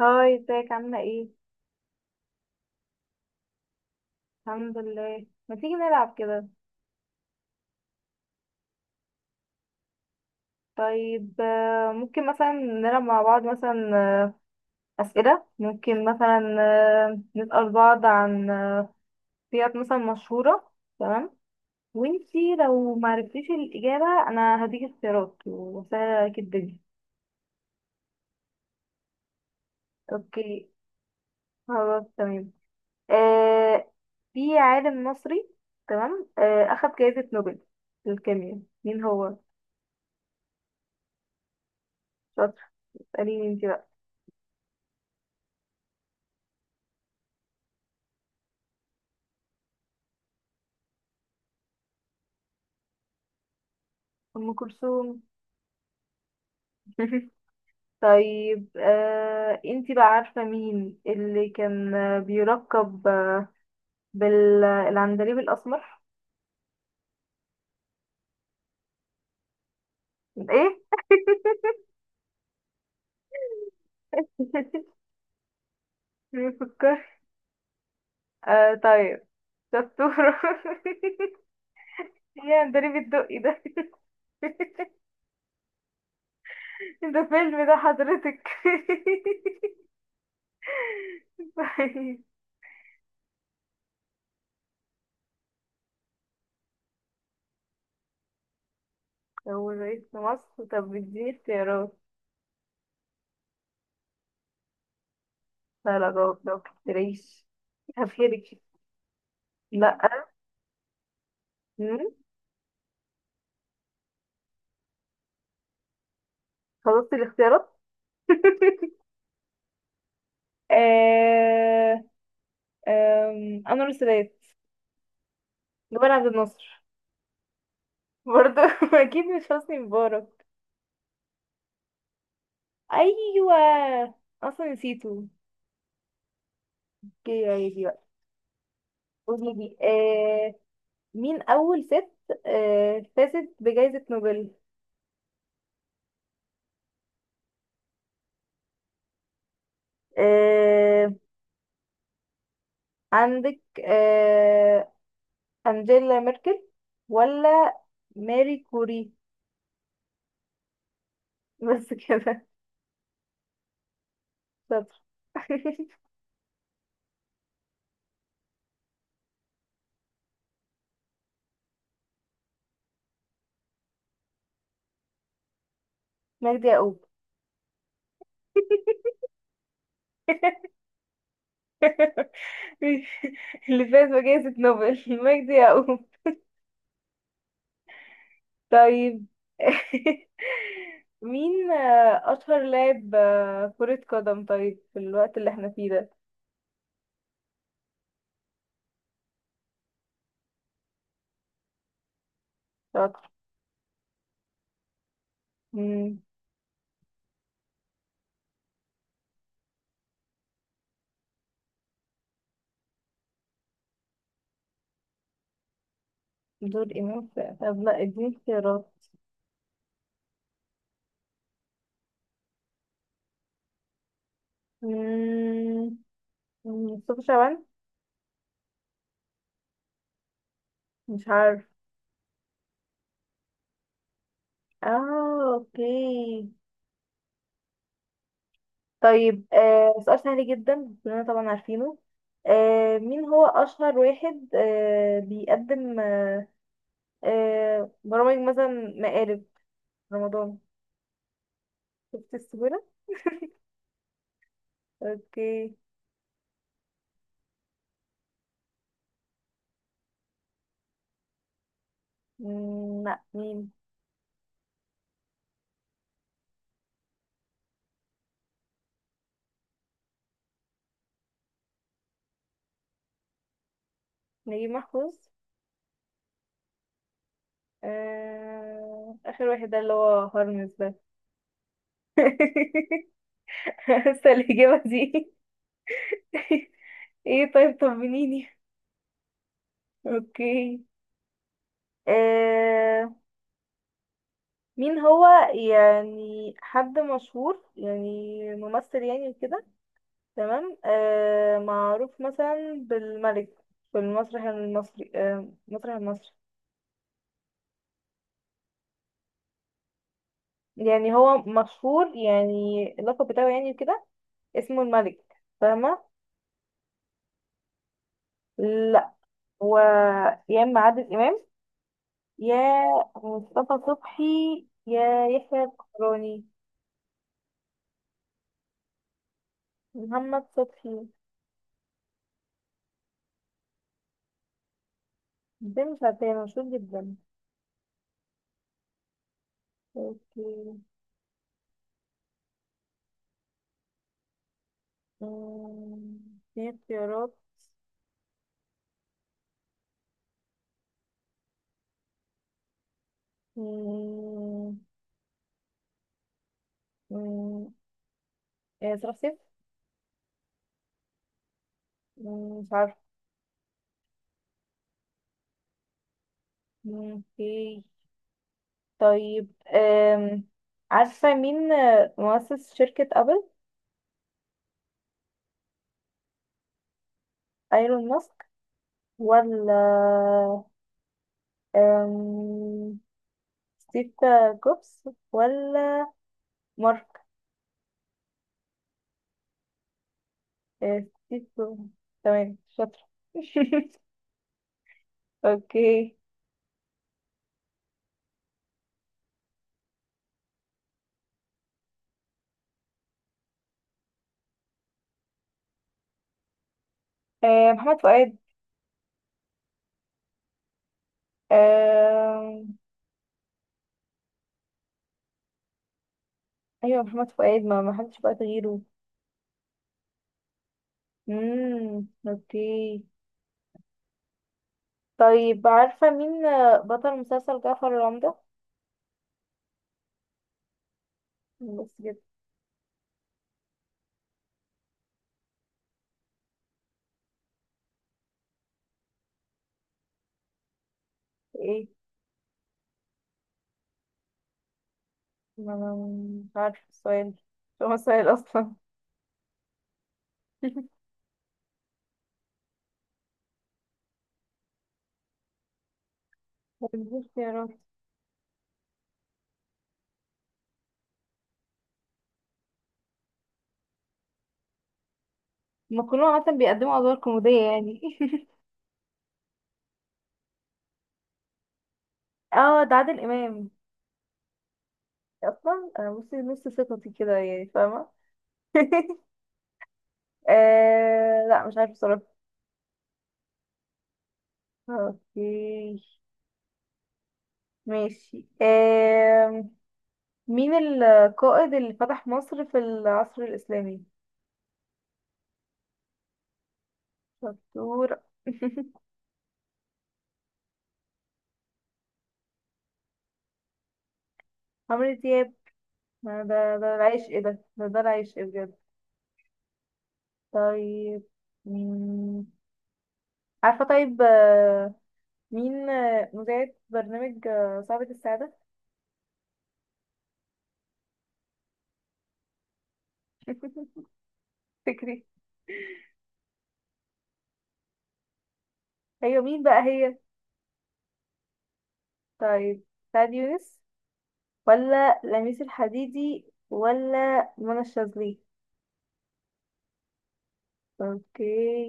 هاي، ازيك عاملة ايه؟ الحمد لله. ما تيجي نلعب كده؟ طيب، ممكن مثلا نلعب مع بعض، مثلا أسئلة، ممكن مثلا نسأل بعض عن سيارات مثلا مشهورة. تمام. وانتي لو معرفتيش الإجابة أنا هديك اختيارات، وسهلة عليكي الدنيا. اوكي. خلاص، تمام. آه في عالم مصري، تمام، أخد جائزة نوبل للكيمياء، مين هو؟ شاطر. اسأليني انتي بقى. أم كلثوم. طيب، انتي بقى عارفة مين اللي كان بيركب بالعندليب الأسمر؟ ايه؟ بيفكر. طيب. دكتور. ايه عندليب الدقي ده؟ ده فيلم ده حضرتك. طيب. هو رئيس مصر. طب اديني اختيارات. لا، لا، جاوب لو مكتريش. هبهرك. لا. مم. خلصت الاختيارات. آه... انور السادات. جمال عبد الناصر. برضه اكيد مش حسني مبارك. ايوه. اصلا نسيته. اوكي، عادي بقى. قولي لي، مين اول ست فازت بجائزة نوبل؟ آه عندك آه انجيلا ميركل ولا ماري كوري. بس كده. شاطر. مجدي يعقوب. اللي فاز بجائزة نوبل مجدي يعقوب. طيب. مين أشهر لاعب كرة قدم، طيب، في الوقت اللي احنا فيه ده؟ شاطر. مم، دول إمام طب لا، اديني اختيارات. مم، مصطفى شعبان. مش عارف. اه، اوكي. طيب، سؤال سهل جدا، كلنا طبعا عارفينه. مين هو أشهر واحد بيقدم برامج مثلا، مقالب، رمضان؟ شفت السهولة؟ اوكي. لا، مين؟ نجيب محفوظ. آخر واحد ده اللي هو هرمز ده. لسه الإجابة دي. ايه، طيب، طمنيني. اوكي. آه... مين هو، يعني حد مشهور يعني ممثل يعني وكده، تمام، معروف مثلا بالملك في المسرح المصري، يعني هو مشهور، يعني اللقب بتاعه يعني كده، اسمه الملك، فاهمة؟ لا. هو يا اما عادل امام، يا مصطفى صبحي، يا يحيى الفخراني، محمد صبحي. ده مش عارفاه، مشهور جدا. اوكي. أمم، في اختيارات؟ أمم، أمم، آه، صلاح سيف. مش عارفه. اوكي. طيب. عارفة مين مؤسس شركة أبل؟ ايلون ماسك، ولا ستيف كوبس، ولا مارك. ستيف كوبس. تمام، شاطرة. اوكي. محمد فؤاد. آه، ايوه محمد فؤاد، ما حدش بقى غيره. اوكي. طيب، عارفة مين بطل مسلسل جعفر العمدة؟ بس كده. ايه؟ ما ما- مش عارفة السؤال، مش هو السؤال اصلا. ما اختيارات. ما كلهم عادة بيقدموا ادوار كوميدية يعني. اه ده عادل امام. اصلا انا بصي نص ثقتي كده يعني، فاهمه؟ لا، مش عارفه بصراحه. اوكي، ماشي، مين القائد اللي فتح مصر في العصر الاسلامي؟ شطور. عمرو دياب. ده العشق، إيه ده العشق بجد. طيب. مم. عارفه، طيب، مين مذيعة برنامج صعبة السعادة؟ فكري. ايوه، مين بقى هي؟ طيب، سعد يونس، ولا لميس الحديدي، ولا منى الشاذلي. اوكي.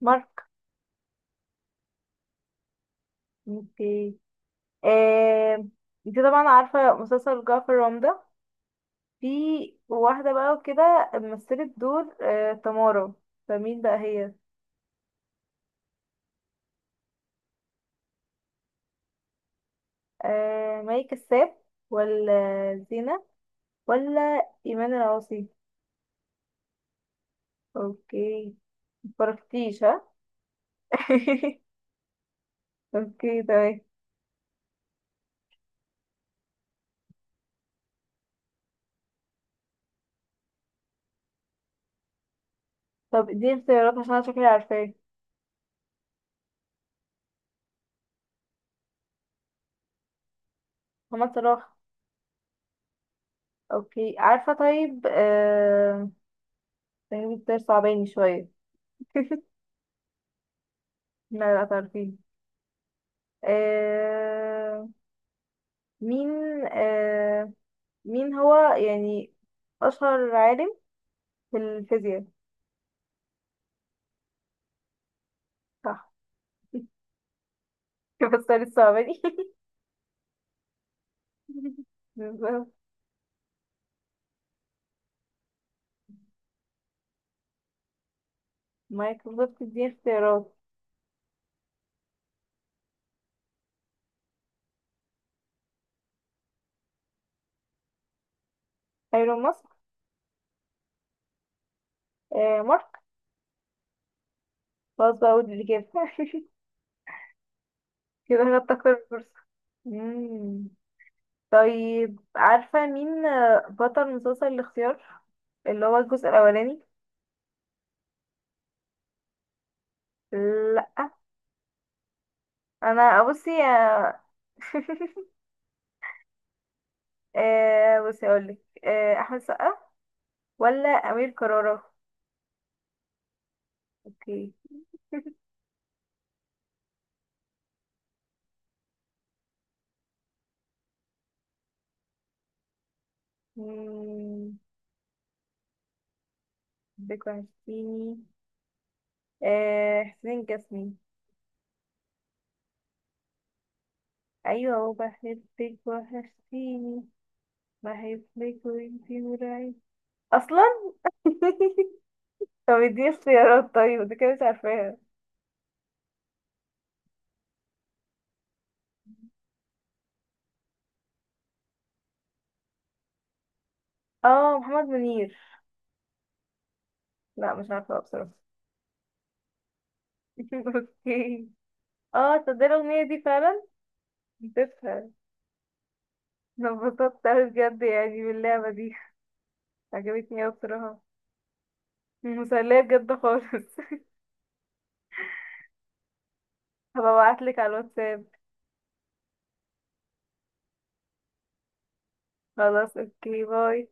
مارك. اوكي. آه، انت طبعا عارفة مسلسل جعفر العمدة؟ في واحدة بقى وكده مثلت دور تمارا، فمين بقى هي؟ مي كساب، ولا زينة، ولا إيمان العاصي. اوكي. مفرقتيش ها؟ اوكي، تمام. طب اديني اختيارات عشان انا شكلي عارفاه. محمد صلاح. اوكي، عارفة. طيب، تجربة ده صعباني شوية. لا، لا، تعرفين. آه... مين آه... مين هو يعني أشهر عالم في الفيزياء؟ صح. بس الصعباني. بالظبط. مايكل. بالظبط، دي اختيارات. ايلون ماسك. مارك. خلاص بقى، اقول اللي كده كده هنتاخد فرصة. مم. طيب، عارفة مين بطل مسلسل الاختيار اللي هو الجزء الأولاني؟ لأ. أنا بصي آه، آه، بصي أقولك أحمد سقا ولا أمير كرارة؟ اوكي. مم، بك وحشتيني. حسين الجسمي. أيوة وبحبك وحشتيني. بحبك وانتي مرعي أصلا. طب اديني اختيارات طيب، ده كده مش عارفاها. اه، محمد منير. لا، مش عارفة بصراحة. اوكي. اه، تصدق الأغنية دي فعلا نسيتها. انا انبسطت اوي بجد، يعني باللعبة دي. عجبتني اوي بصراحة. مسلية بجد خالص. هبقى ابعتلك على الواتساب. خلاص، اوكي، باي.